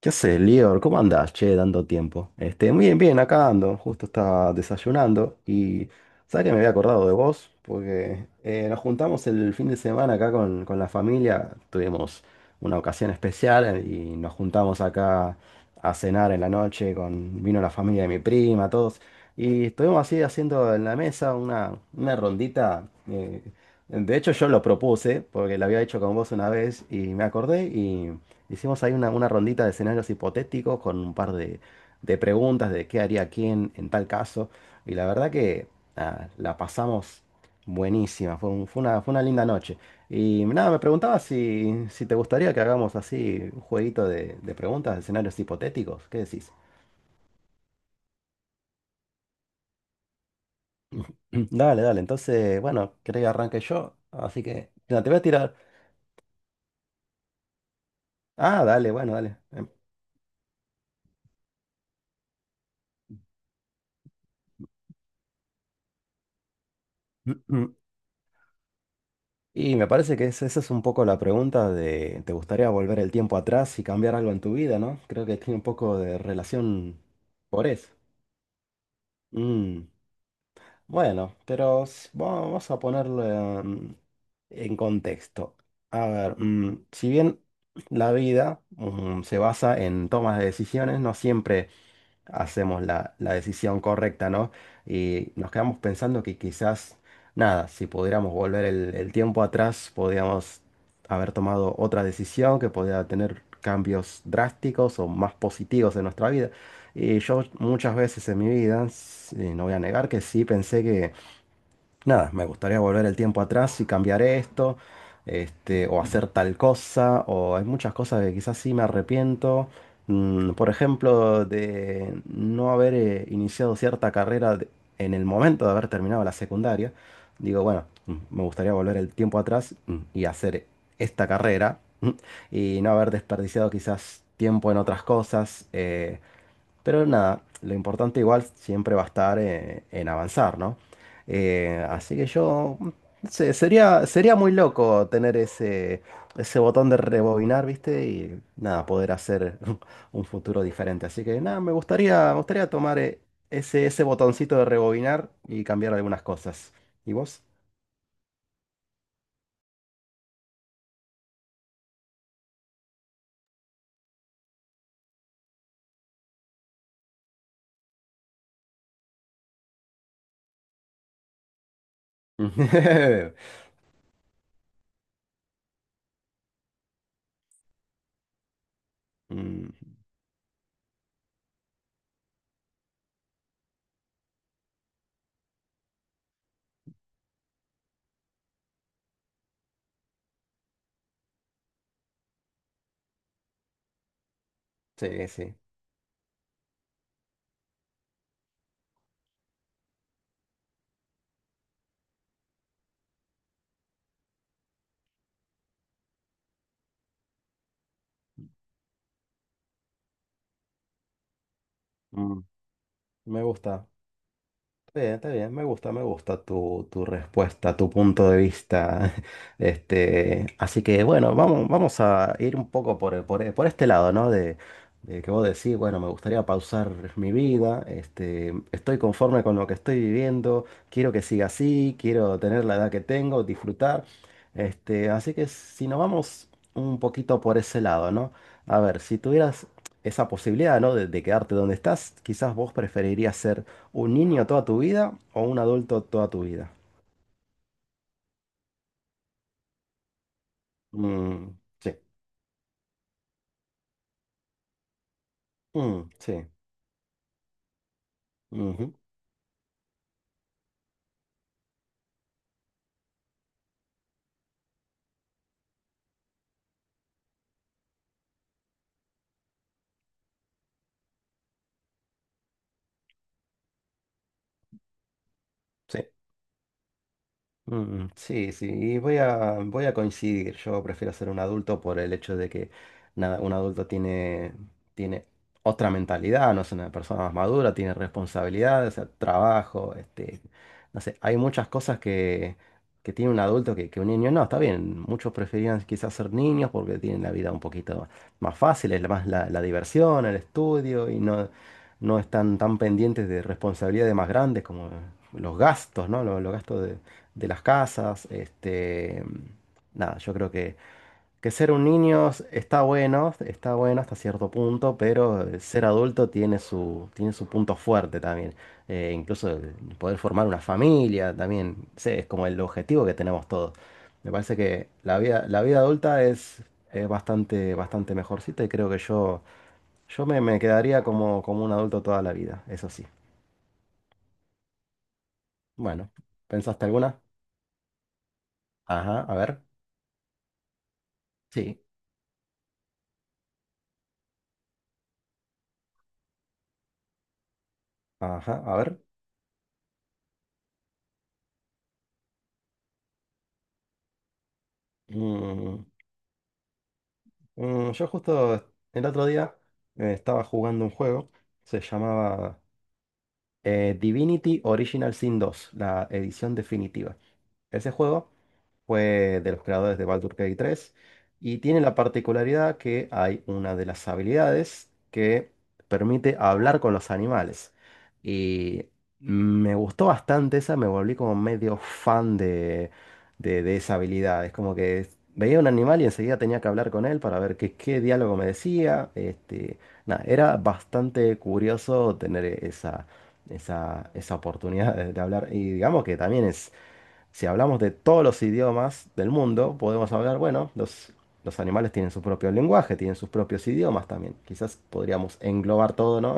¿Qué haces, Lior? ¿Cómo andás, che, tanto tiempo? Muy bien, bien, acá ando, justo estaba desayunando y sabes que me había acordado de vos, porque nos juntamos el fin de semana acá con la familia, tuvimos una ocasión especial y nos juntamos acá a cenar en la noche, con, vino la familia de mi prima, todos, y estuvimos así haciendo en la mesa una rondita. eh, de hecho, yo lo propuse, porque lo había hecho con vos una vez y me acordé. Hicimos ahí una rondita de escenarios hipotéticos con un par de preguntas de qué haría quién en tal caso. Y la verdad que nada, la pasamos buenísima. Fue fue una linda noche. Y nada, me preguntaba si te gustaría que hagamos así un jueguito de preguntas de escenarios hipotéticos. ¿Qué decís? Dale, dale. Entonces, bueno, querés que arranque yo. Así que nada, te voy a tirar. Ah, dale, bueno, dale. Y me parece que esa es un poco la pregunta de, ¿te gustaría volver el tiempo atrás y cambiar algo en tu vida, no? Creo que tiene un poco de relación por eso. Mm. Bueno, vamos a ponerlo em, en contexto. A ver, si bien la vida se basa en tomas de decisiones, no siempre hacemos la decisión correcta, ¿no? Y nos quedamos pensando que quizás, nada, si pudiéramos volver el tiempo atrás, podríamos haber tomado otra decisión que podía tener cambios drásticos o más positivos en nuestra vida. Y yo muchas veces en mi vida, no voy a negar que sí pensé que nada, me gustaría volver el tiempo atrás y cambiar esto, este, o hacer tal cosa, o hay muchas cosas que quizás sí me arrepiento. Por ejemplo, de no haber iniciado cierta carrera en el momento de haber terminado la secundaria. Digo, bueno, me gustaría volver el tiempo atrás y hacer esta carrera y no haber desperdiciado quizás tiempo en otras cosas. Pero nada, lo importante igual siempre va a estar en avanzar, ¿no? Así que yo, no sé, sería muy loco tener ese botón de rebobinar, ¿viste? Y nada, poder hacer un futuro diferente. Así que nada, me gustaría tomar ese botoncito de rebobinar y cambiar algunas cosas. ¿Y vos? Mm, sí, sí. Mm, me gusta. Está bien, me gusta tu, tu respuesta, tu punto de vista. Este, así que bueno, vamos a ir un poco por este lado, ¿no? De que vos decís, bueno, me gustaría pausar mi vida, este, estoy conforme con lo que estoy viviendo, quiero que siga así, quiero tener la edad que tengo, disfrutar. Este, así que si nos vamos un poquito por ese lado, ¿no? A ver, si tuvieras esa posibilidad, ¿no? De quedarte donde estás, quizás vos preferirías ser ¿un niño toda tu vida o un adulto toda tu vida? Mm, sí. Mm, sí. Ujú, sí. Sí, sí, y voy a coincidir. Yo prefiero ser un adulto por el hecho de que nada, tiene otra mentalidad, no es una persona más madura, tiene responsabilidades, o sea, trabajo, este, no sé, hay muchas cosas que tiene un adulto que un niño no, está bien. Muchos preferían quizás ser niños porque tienen la vida un poquito más fácil, es más la diversión, el estudio y no, no están tan pendientes de responsabilidades más grandes como los gastos, ¿no? Los gastos de las casas. Este, nada, yo creo que ser un niño está bueno hasta cierto punto, pero ser adulto tiene su punto fuerte también. Incluso el poder formar una familia también, no sé, es como el objetivo que tenemos todos. Me parece que la vida adulta es bastante, bastante mejorcita y creo que me quedaría como, como un adulto toda la vida, eso sí. Bueno, ¿pensaste alguna? Ajá, a ver. Sí. Ajá, a ver. Mm, yo justo el otro día estaba jugando un juego, se llamaba Divinity Original Sin dos la edición definitiva. Ese juego fue de los creadores de Baldur's Gate 3 y tiene la particularidad que hay una de las habilidades que permite hablar con los animales. Y me gustó bastante esa, me volví como medio fan de esa habilidad. Es como que veía un animal y enseguida tenía que hablar con él para ver qué, qué diálogo me decía. Este, nada, era bastante curioso tener esa oportunidad de hablar. Y digamos que también es si hablamos de todos los idiomas del mundo, podemos hablar, bueno, los animales tienen su propio lenguaje, tienen sus propios idiomas también. Quizás podríamos englobar todo, ¿no?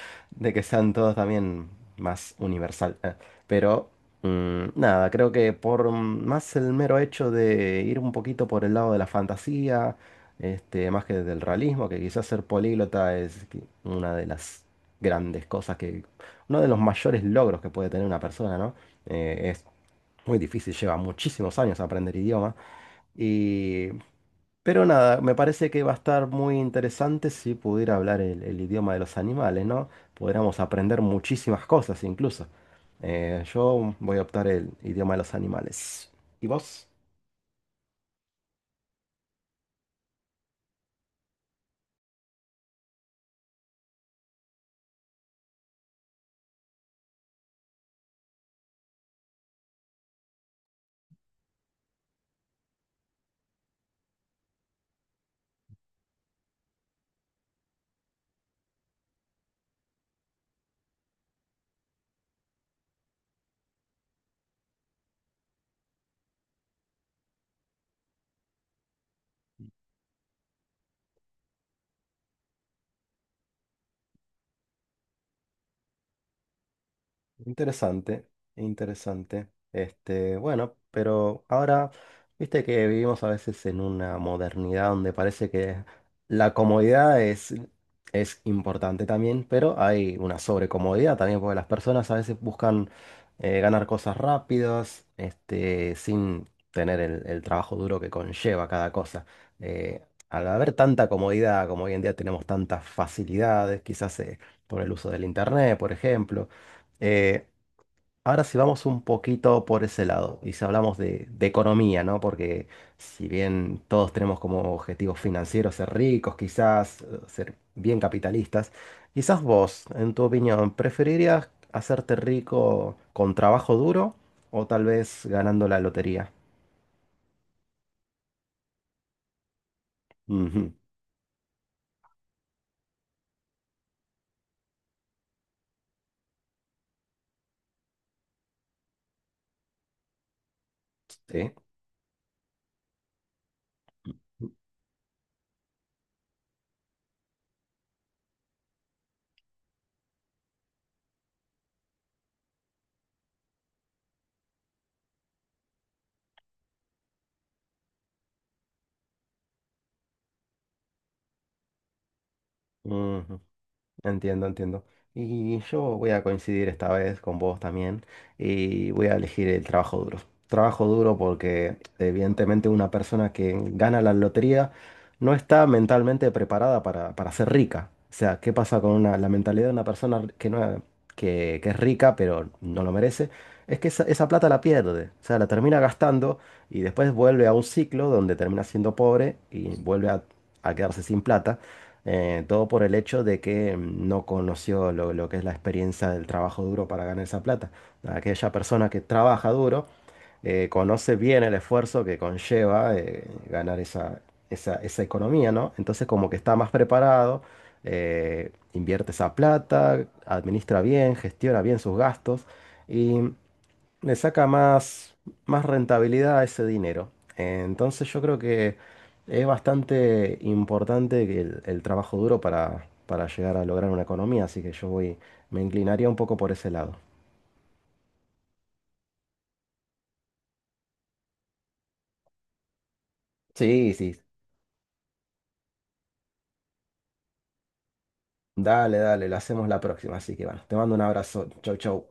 De que sean todos también más universal. Pero, nada, creo que por más el mero hecho de ir un poquito por el lado de la fantasía, este, más que del realismo, que quizás ser políglota es una de las grandes cosas que, uno de los mayores logros que puede tener una persona, ¿no? Eh, Muy difícil, lleva muchísimos años aprender idioma. Y... Pero nada, me parece que va a estar muy interesante si pudiera hablar el idioma de los animales, ¿no? Podríamos aprender muchísimas cosas incluso. Yo voy a optar el idioma de los animales. ¿Y vos? Interesante, interesante. Este, bueno, pero ahora, viste que vivimos a veces en una modernidad donde parece que la comodidad es, es importante también, pero hay una sobrecomodidad también, porque las personas a veces buscan ganar cosas rápidas, este, sin tener el trabajo duro que conlleva cada cosa. Eh, Al haber tanta comodidad, como hoy en día tenemos tantas facilidades, quizás por el uso del internet, por ejemplo. Eh, Ahora si vamos un poquito por ese lado y si hablamos de economía, ¿no? Porque si bien todos tenemos como objetivos financieros ser ricos, quizás ser bien capitalistas, quizás vos, en tu opinión, ¿preferirías hacerte rico con trabajo duro o tal vez ganando la lotería? Ujú. Sí. Ujú. Entiendo, entiendo. Y yo voy a coincidir esta vez con vos también y voy a elegir el trabajo duro. Trabajo duro porque evidentemente una persona que gana la lotería no está mentalmente preparada para ser rica. O sea, ¿qué pasa con la mentalidad de una persona que, no, que es rica pero no lo merece? Es que esa plata la pierde, o sea, la termina gastando y después vuelve a un ciclo donde termina siendo pobre y vuelve a quedarse sin plata todo por el hecho de que no conoció lo que es la experiencia del trabajo duro para ganar esa plata. Aquella persona que trabaja duro conoce bien el esfuerzo que conlleva ganar esa economía, ¿no? Entonces como que está más preparado, invierte esa plata, administra bien, gestiona bien sus gastos. Y le saca más rentabilidad a ese dinero. Entonces yo creo que es bastante importante el trabajo duro para llegar a lograr una economía, así que me inclinaría un poco por ese lado. Sí, sí, dale, dale, lo hacemos la próxima, así que bueno, te mando un abrazo, chau, chau.